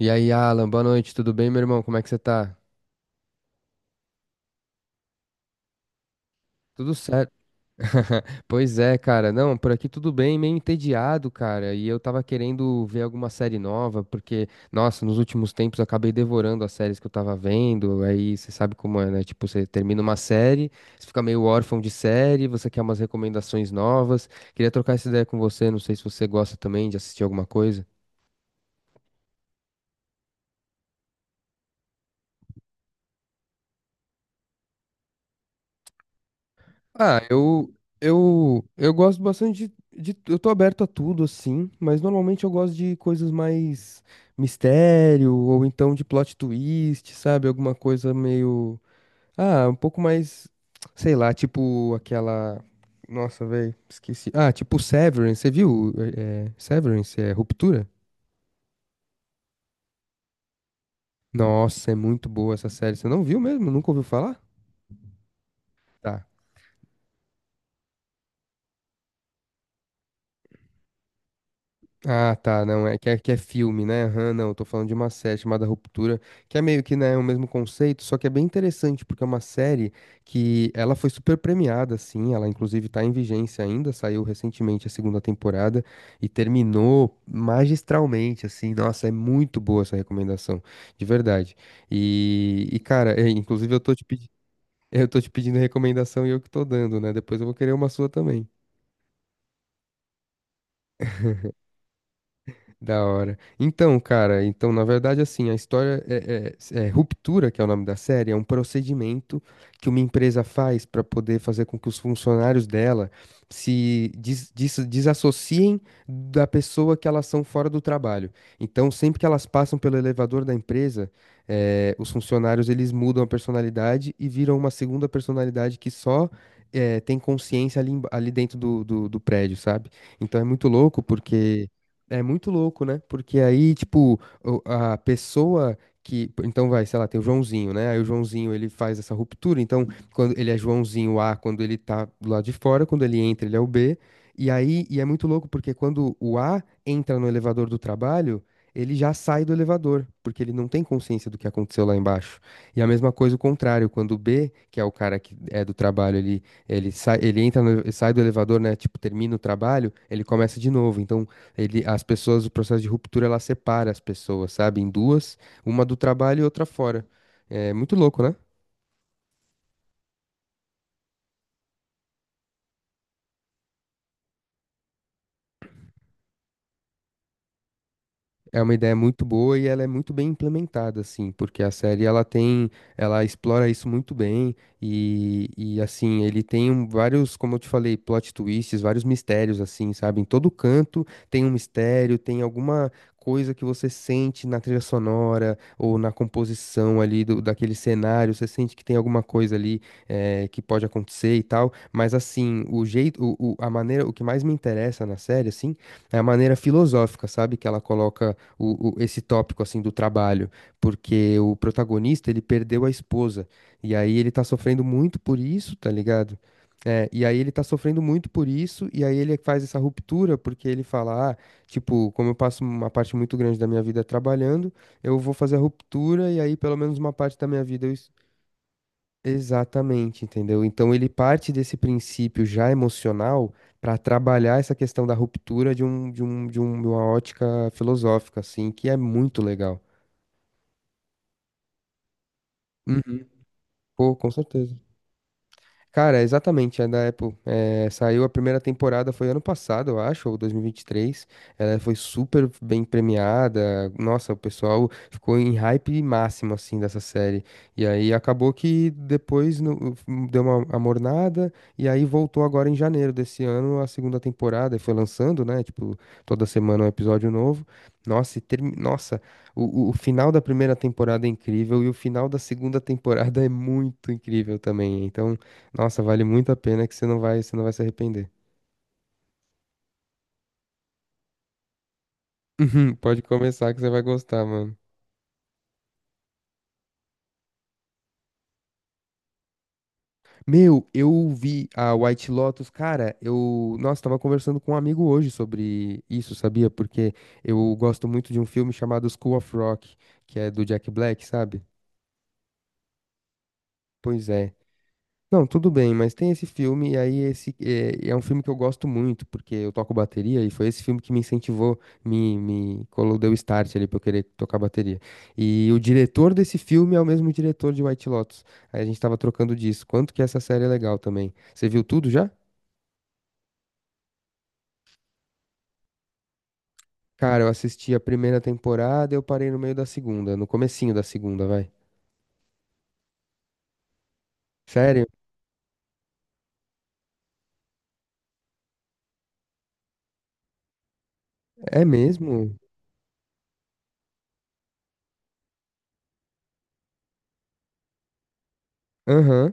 E aí, Alan, boa noite, tudo bem, meu irmão? Como é que você tá? Tudo certo. Pois é, cara. Não, por aqui tudo bem, meio entediado, cara. E eu tava querendo ver alguma série nova, porque, nossa, nos últimos tempos eu acabei devorando as séries que eu tava vendo. Aí você sabe como é, né? Tipo, você termina uma série, você fica meio órfão de série, você quer umas recomendações novas. Queria trocar essa ideia com você, não sei se você gosta também de assistir alguma coisa. Ah, eu, eu gosto bastante Eu tô aberto a tudo, assim, mas normalmente eu gosto de coisas mais mistério, ou então de plot twist, sabe? Alguma coisa meio. Ah, um pouco mais. Sei lá, tipo aquela. Nossa, velho, esqueci. Ah, tipo Severance, você viu? Severance, é Ruptura? Nossa, é muito boa essa série. Você não viu mesmo? Nunca ouviu falar? Tá. Ah, tá, não, é que é, que é filme, né? Aham, não, eu tô falando de uma série chamada Ruptura, que é meio que, né, o mesmo conceito, só que é bem interessante, porque é uma série que ela foi super premiada, assim, ela inclusive tá em vigência ainda, saiu recentemente a segunda temporada e terminou magistralmente, assim, nossa, é muito boa essa recomendação, de verdade. E cara, é, inclusive eu tô te pedindo, eu tô te pedindo recomendação e eu que tô dando, né? Depois eu vou querer uma sua também. Da hora. Então, cara, então, na verdade, assim, a história é Ruptura, que é o nome da série, é um procedimento que uma empresa faz para poder fazer com que os funcionários dela se desassociem da pessoa que elas são fora do trabalho. Então, sempre que elas passam pelo elevador da empresa, os funcionários eles mudam a personalidade e viram uma segunda personalidade que só tem consciência ali, ali dentro do prédio, sabe? Então é muito louco porque. É muito louco, né? Porque aí, tipo, a pessoa que. Então vai, sei lá, tem o Joãozinho, né? Aí o Joãozinho ele faz essa ruptura. Então, quando ele é Joãozinho A, quando ele tá do lado de fora, quando ele entra, ele é o B. E aí, e é muito louco, porque quando o A entra no elevador do trabalho, ele já sai do elevador, porque ele não tem consciência do que aconteceu lá embaixo. E a mesma coisa o contrário, quando o B, que é o cara que é do trabalho, ele sai, ele entra sai do elevador, né? Tipo, termina o trabalho, ele começa de novo. Então, ele, as pessoas, o processo de ruptura, ela separa as pessoas, sabe? Em duas, uma do trabalho e outra fora. É muito louco, né? É uma ideia muito boa e ela é muito bem implementada, assim, porque a série ela tem, ela explora isso muito bem e assim, ele tem vários, como eu te falei, plot twists, vários mistérios, assim, sabe? Em todo canto tem um mistério, tem alguma coisa que você sente na trilha sonora ou na composição ali do, daquele cenário, você sente que tem alguma coisa ali que pode acontecer e tal, mas assim, o jeito, a maneira, o que mais me interessa na série, assim, é a maneira filosófica, sabe? Que ela coloca esse tópico assim do trabalho, porque o protagonista ele perdeu a esposa e aí ele tá sofrendo muito por isso, tá ligado? É, e aí ele tá sofrendo muito por isso, e aí ele faz essa ruptura, porque ele fala, ah, tipo, como eu passo uma parte muito grande da minha vida trabalhando, eu vou fazer a ruptura, e aí pelo menos uma parte da minha vida eu Exatamente, entendeu? Então ele parte desse princípio já emocional para trabalhar essa questão da ruptura de uma ótica filosófica, assim, que é muito legal. Uhum. Pô, com certeza. Cara, exatamente, é da Apple. É, saiu a primeira temporada, foi ano passado, eu acho, ou 2023. Ela foi super bem premiada. Nossa, o pessoal ficou em hype máximo, assim, dessa série. E aí acabou que depois deu uma amornada, e aí voltou agora em janeiro desse ano a segunda temporada. E foi lançando, né? Tipo, toda semana um episódio novo. Nossa, e termi... Nossa, o final da primeira temporada é incrível e o final da segunda temporada é muito incrível também. Então. Nossa, vale muito a pena que você não vai se arrepender. Uhum, Pode começar que você vai gostar, mano. Meu, eu vi a White Lotus, cara, eu, nossa, tava conversando com um amigo hoje sobre isso, sabia? Porque eu gosto muito de um filme chamado School of Rock, que é do Jack Black, sabe? Pois é. Não, tudo bem, mas tem esse filme, e aí esse é, é um filme que eu gosto muito, porque eu toco bateria, e foi esse filme que me incentivou, deu start ali pra eu querer tocar bateria. E o diretor desse filme é o mesmo diretor de White Lotus. Aí a gente tava trocando disso. Quanto que essa série é legal também. Você viu tudo já? Cara, eu assisti a primeira temporada, eu parei no meio da segunda, no comecinho da segunda, vai. Sério? É mesmo? Aham.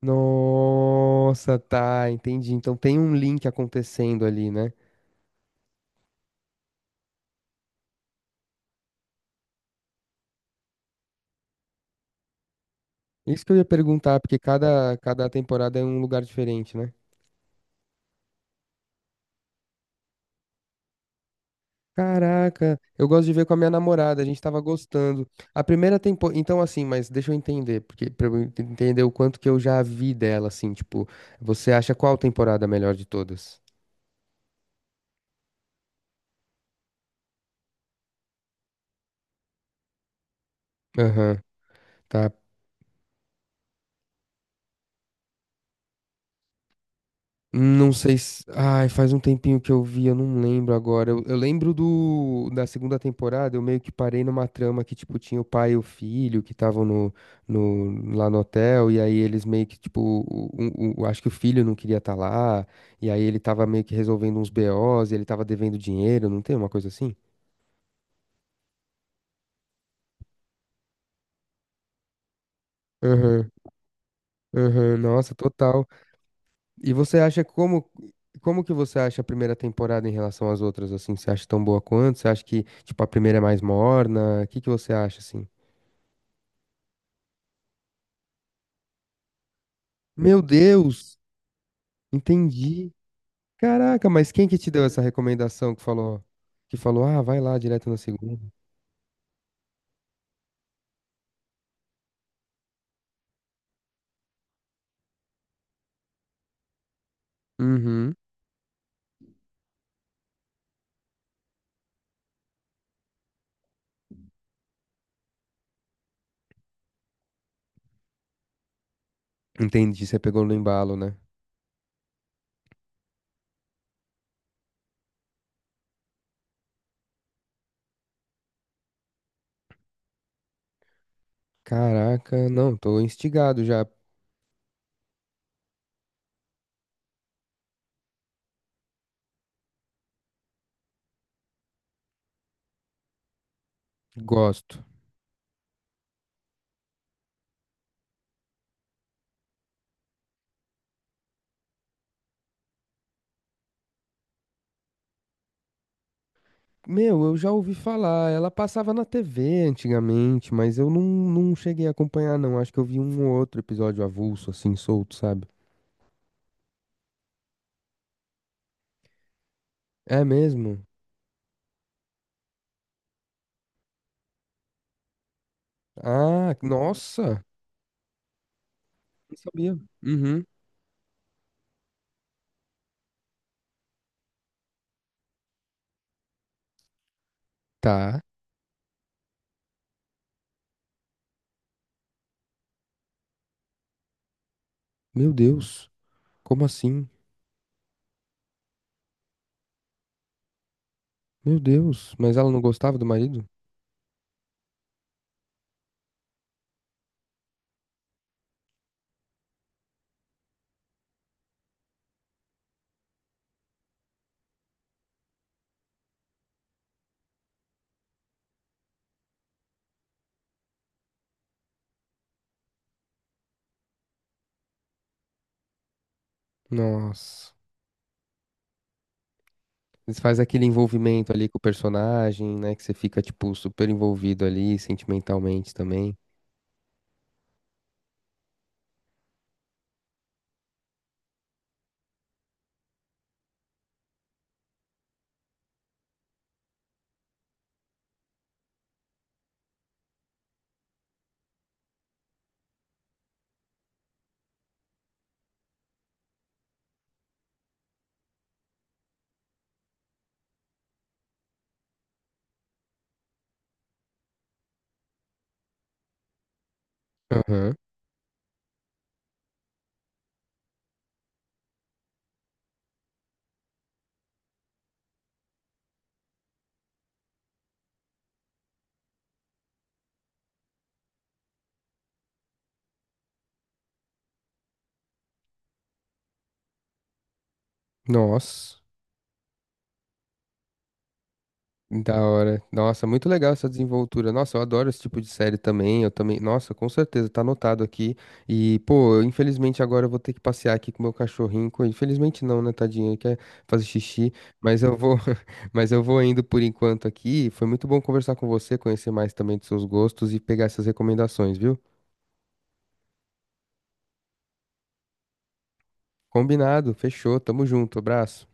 Nossa, tá, entendi. Então tem um link acontecendo ali, né? Isso que eu ia perguntar, porque cada temporada é um lugar diferente, né? Caraca, eu gosto de ver com a minha namorada, a gente tava gostando. A primeira temporada. Então, assim, mas deixa eu entender, porque pra eu entender o quanto que eu já vi dela, assim, tipo, você acha qual temporada a melhor de todas? Aham, tá. Não sei se. Ai, faz um tempinho que eu vi, eu não lembro agora. Eu lembro do da segunda temporada, eu meio que parei numa trama que, tipo, tinha o pai e o filho que estavam no, no, lá no hotel, e aí eles meio que, tipo, acho que o filho não queria estar lá, e aí ele tava meio que resolvendo uns BOs, e ele tava devendo dinheiro, não tem uma coisa assim? Aham, aham, nossa, total. E você acha como como que você acha a primeira temporada em relação às outras assim? Você acha tão boa quanto? Você acha que tipo a primeira é mais morna? O que que você acha assim? Meu Deus, entendi. Caraca, mas quem que te deu essa recomendação que falou: "Ah, vai lá direto na segunda"? Uhum. Entendi, você pegou no embalo, né? Caraca, não, tô instigado já. Gosto. Meu, eu já ouvi falar. Ela passava na TV antigamente, mas eu não, não cheguei a acompanhar, não. Acho que eu vi um ou outro episódio avulso, assim, solto, sabe? É mesmo? Ah, nossa! Não sabia. Uhum. Tá. Meu Deus. Como assim? Meu Deus. Mas ela não gostava do marido? Nossa. Eles faz aquele envolvimento ali com o personagem, né? Que você fica, tipo, super envolvido ali, sentimentalmente também. Aham. Nossa. Da hora. Nossa, muito legal essa desenvoltura. Nossa, eu adoro esse tipo de série também. Eu também. Nossa, com certeza, tá anotado aqui. E, pô, eu, infelizmente agora eu vou ter que passear aqui com o meu cachorrinho. Infelizmente não, né, tadinho? Ele quer fazer xixi. Mas eu vou, mas eu vou indo por enquanto aqui. Foi muito bom conversar com você, conhecer mais também dos seus gostos e pegar essas recomendações, viu? Combinado, fechou. Tamo junto. Abraço.